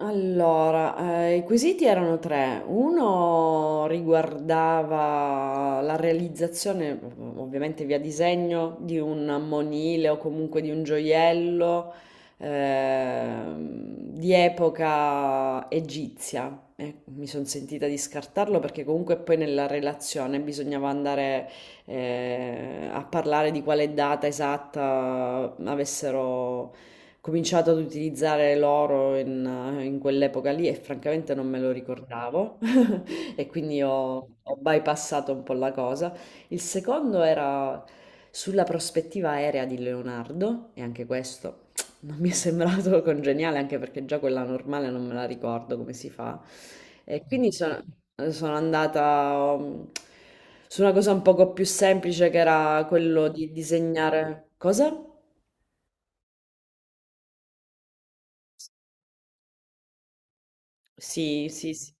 Allora, i quesiti erano 3. Uno riguardava la realizzazione, ovviamente via disegno, di un monile o comunque di un gioiello ehm, di epoca egizia. Mi sono sentita di scartarlo perché comunque poi nella relazione bisognava andare a parlare di quale data esatta avessero cominciato ad utilizzare l'oro in quell'epoca lì, e francamente non me lo ricordavo e quindi ho bypassato un po' la cosa. Il secondo era sulla prospettiva aerea di Leonardo e anche questo non mi è sembrato congeniale, anche perché già quella normale non me la ricordo come si fa. E quindi sono andata su una cosa un poco più semplice, che era quello di disegnare... Cosa? Sì, sì, sì.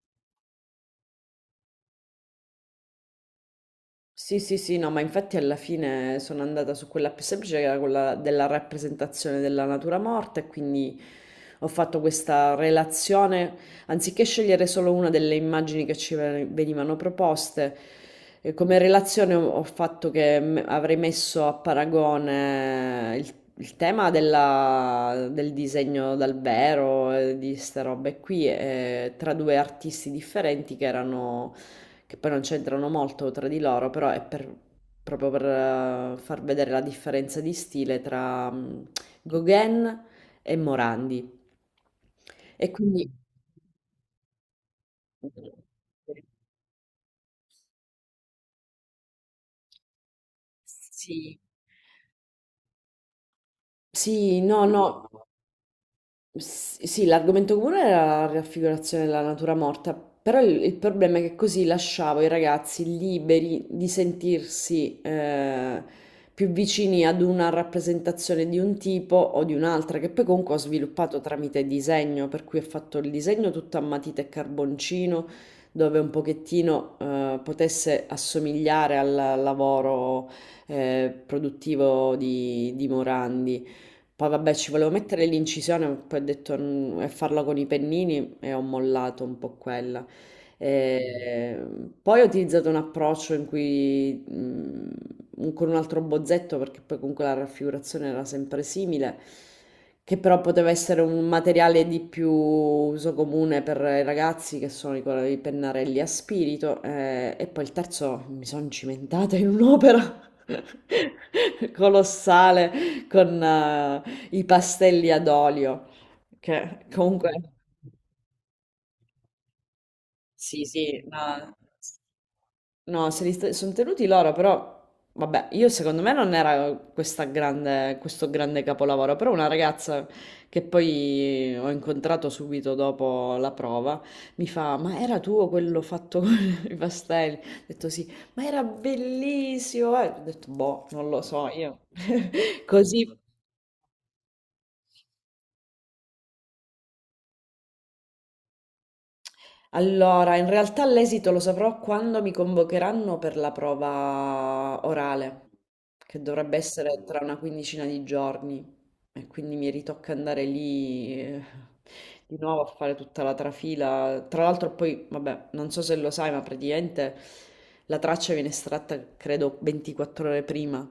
Sì, sì, sì, no, ma infatti alla fine sono andata su quella più semplice, che era quella della rappresentazione della natura morta, e quindi ho fatto questa relazione, anziché scegliere solo una delle immagini che venivano proposte. Come relazione ho fatto che avrei messo a paragone il tema del disegno dal vero, di queste robe qui, tra due artisti differenti che erano, che poi non c'entrano molto tra di loro, proprio per far vedere la differenza di stile tra Gauguin e Morandi. E quindi... Sì. Sì, no, no. Sì, l'argomento comune era la raffigurazione della natura morta, però il problema è che così lasciavo i ragazzi liberi di sentirsi più vicini ad una rappresentazione di un tipo o di un'altra, che poi comunque ho sviluppato tramite disegno, per cui ho fatto il disegno tutto a matita e carboncino, dove un pochettino potesse assomigliare al lavoro produttivo di Morandi. Poi vabbè, ci volevo mettere l'incisione, ma poi ho detto "Mm", e farla con i pennini, e ho mollato un po' quella. Eh, Poi ho utilizzato un approccio in cui con un altro bozzetto, perché poi comunque la raffigurazione era sempre simile, che però poteva essere un materiale di più uso comune per i ragazzi, che sono i pennarelli a spirito. E poi il terzo, mi sono cimentata in un'opera colossale con, i pastelli ad olio, che comunque sì, sì, no, no, se li sta- sono tenuti loro, però vabbè, io secondo me non era questa grande, questo grande capolavoro, però una ragazza che poi ho incontrato subito dopo la prova mi fa, ma era tuo quello fatto con i pastelli? Ho detto sì, ma era bellissimo, eh. Ho detto boh, non lo so, io così... Allora, in realtà l'esito lo saprò quando mi convocheranno per la prova orale, che dovrebbe essere tra una quindicina di giorni, e quindi mi ritocca andare lì di nuovo a fare tutta la trafila. Tra l'altro poi, vabbè, non so se lo sai, ma praticamente la traccia viene estratta, credo, 24 ore prima.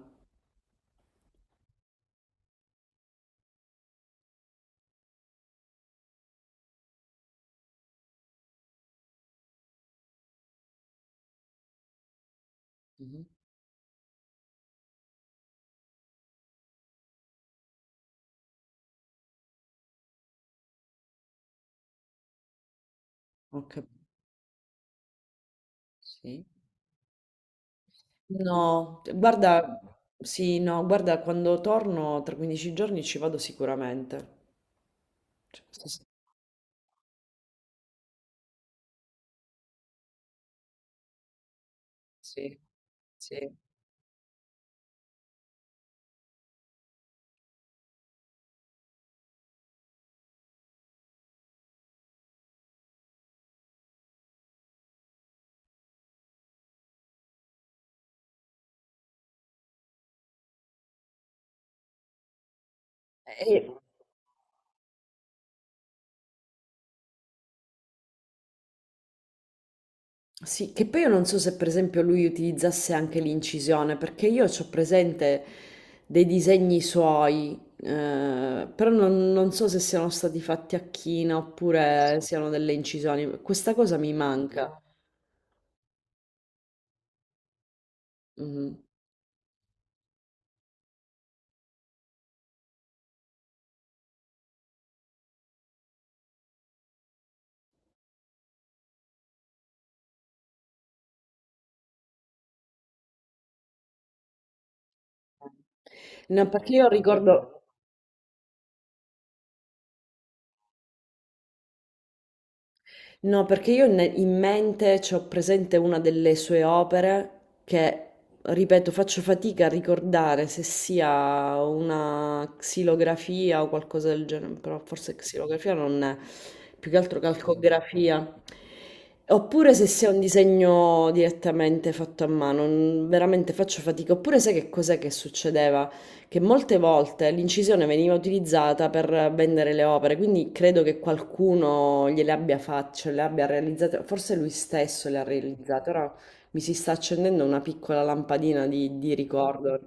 Mhm. Ok, sì. No, guarda, sì, no, guarda, quando torno tra 15 giorni ci vado sicuramente. Sì, sì, sì. Sì. E- sì, che poi io non so se per esempio lui utilizzasse anche l'incisione, perché io ho presente dei disegni suoi, però non so se siano stati fatti a china oppure siano delle incisioni. Questa cosa mi manca. Mhm. No, perché io ricordo, no, perché io in mente c'ho presente una delle sue opere che, ripeto, faccio fatica a ricordare se sia una xilografia o qualcosa del genere, però forse xilografia non è, più che altro calcografia. Oppure se sia un disegno direttamente fatto a mano, veramente faccio fatica. Oppure sai che cos'è che succedeva? Che molte volte l'incisione veniva utilizzata per vendere le opere, quindi credo che qualcuno gliele abbia fatte, cioè le abbia realizzate, forse lui stesso le ha realizzate, ora mi si sta accendendo una piccola lampadina di ricordo.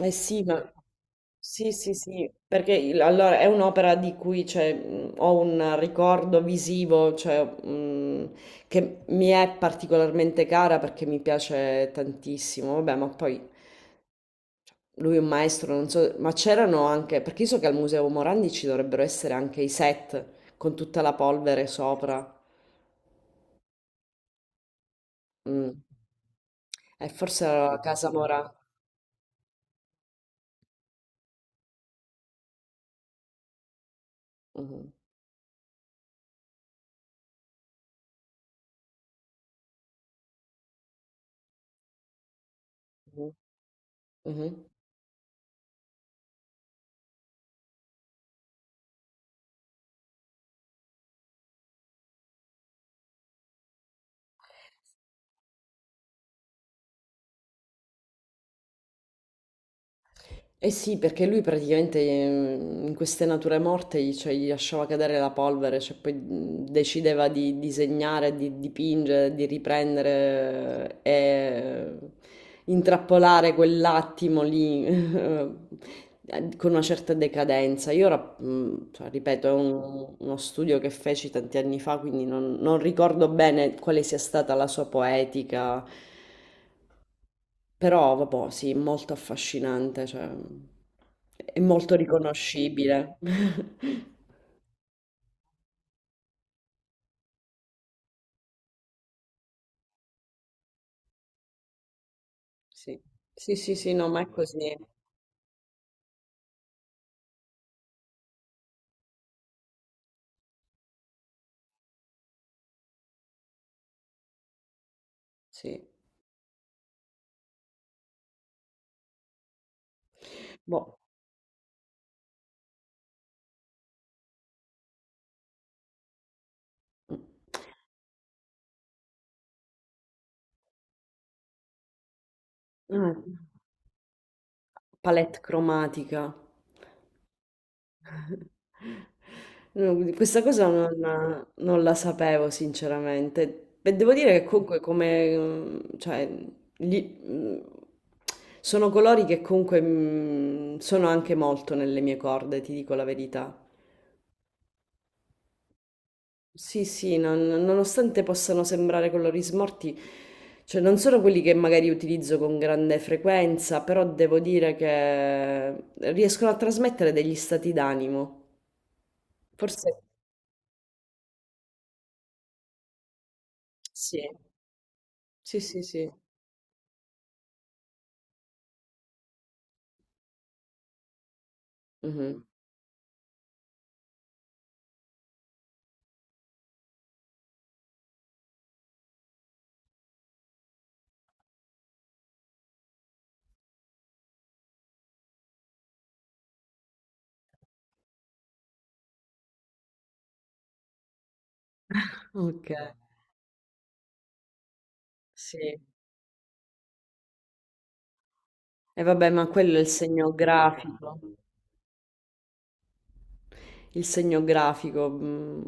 Eh sì, ma... Sì, sì, sì, perché allora è un'opera di cui cioè, ho un ricordo visivo, cioè, che mi è particolarmente cara perché mi piace tantissimo, vabbè, ma poi lui è un maestro, non so, ma c'erano anche, perché io so che al Museo Morandi ci dovrebbero essere anche i set con tutta la polvere sopra. Mm. E forse era la casa Morandi. Mhm. Mhm. Eh sì, perché lui praticamente in queste nature morte gli, cioè, gli lasciava cadere la polvere, cioè poi decideva di disegnare, di dipingere, di riprendere e intrappolare quell'attimo lì con una certa decadenza. Io ora, cioè, ripeto, è uno studio che feci tanti anni fa, quindi non ricordo bene quale sia stata la sua poetica. Però vabbò, sì, molto affascinante, cioè è molto riconoscibile. Sì. Sì, sì, sì, no, ma è così. Sì. Boh. Mm. Ah, palette cromatica. No, questa cosa non la sapevo sinceramente. E devo dire che comunque come, mm, cioè, gli- mm, sono colori che comunque mm, sono anche molto nelle mie corde, ti dico la verità. Sì, sì, nonostante possano sembrare colori smorti, cioè non sono quelli che magari utilizzo con grande frequenza, però devo dire che riescono a trasmettere degli stati d'animo. Forse sì, sì, sì, sì. Mhm. Ok, sì. E vabbè, ma quello è il segno grafico. Il segno grafico. Mm.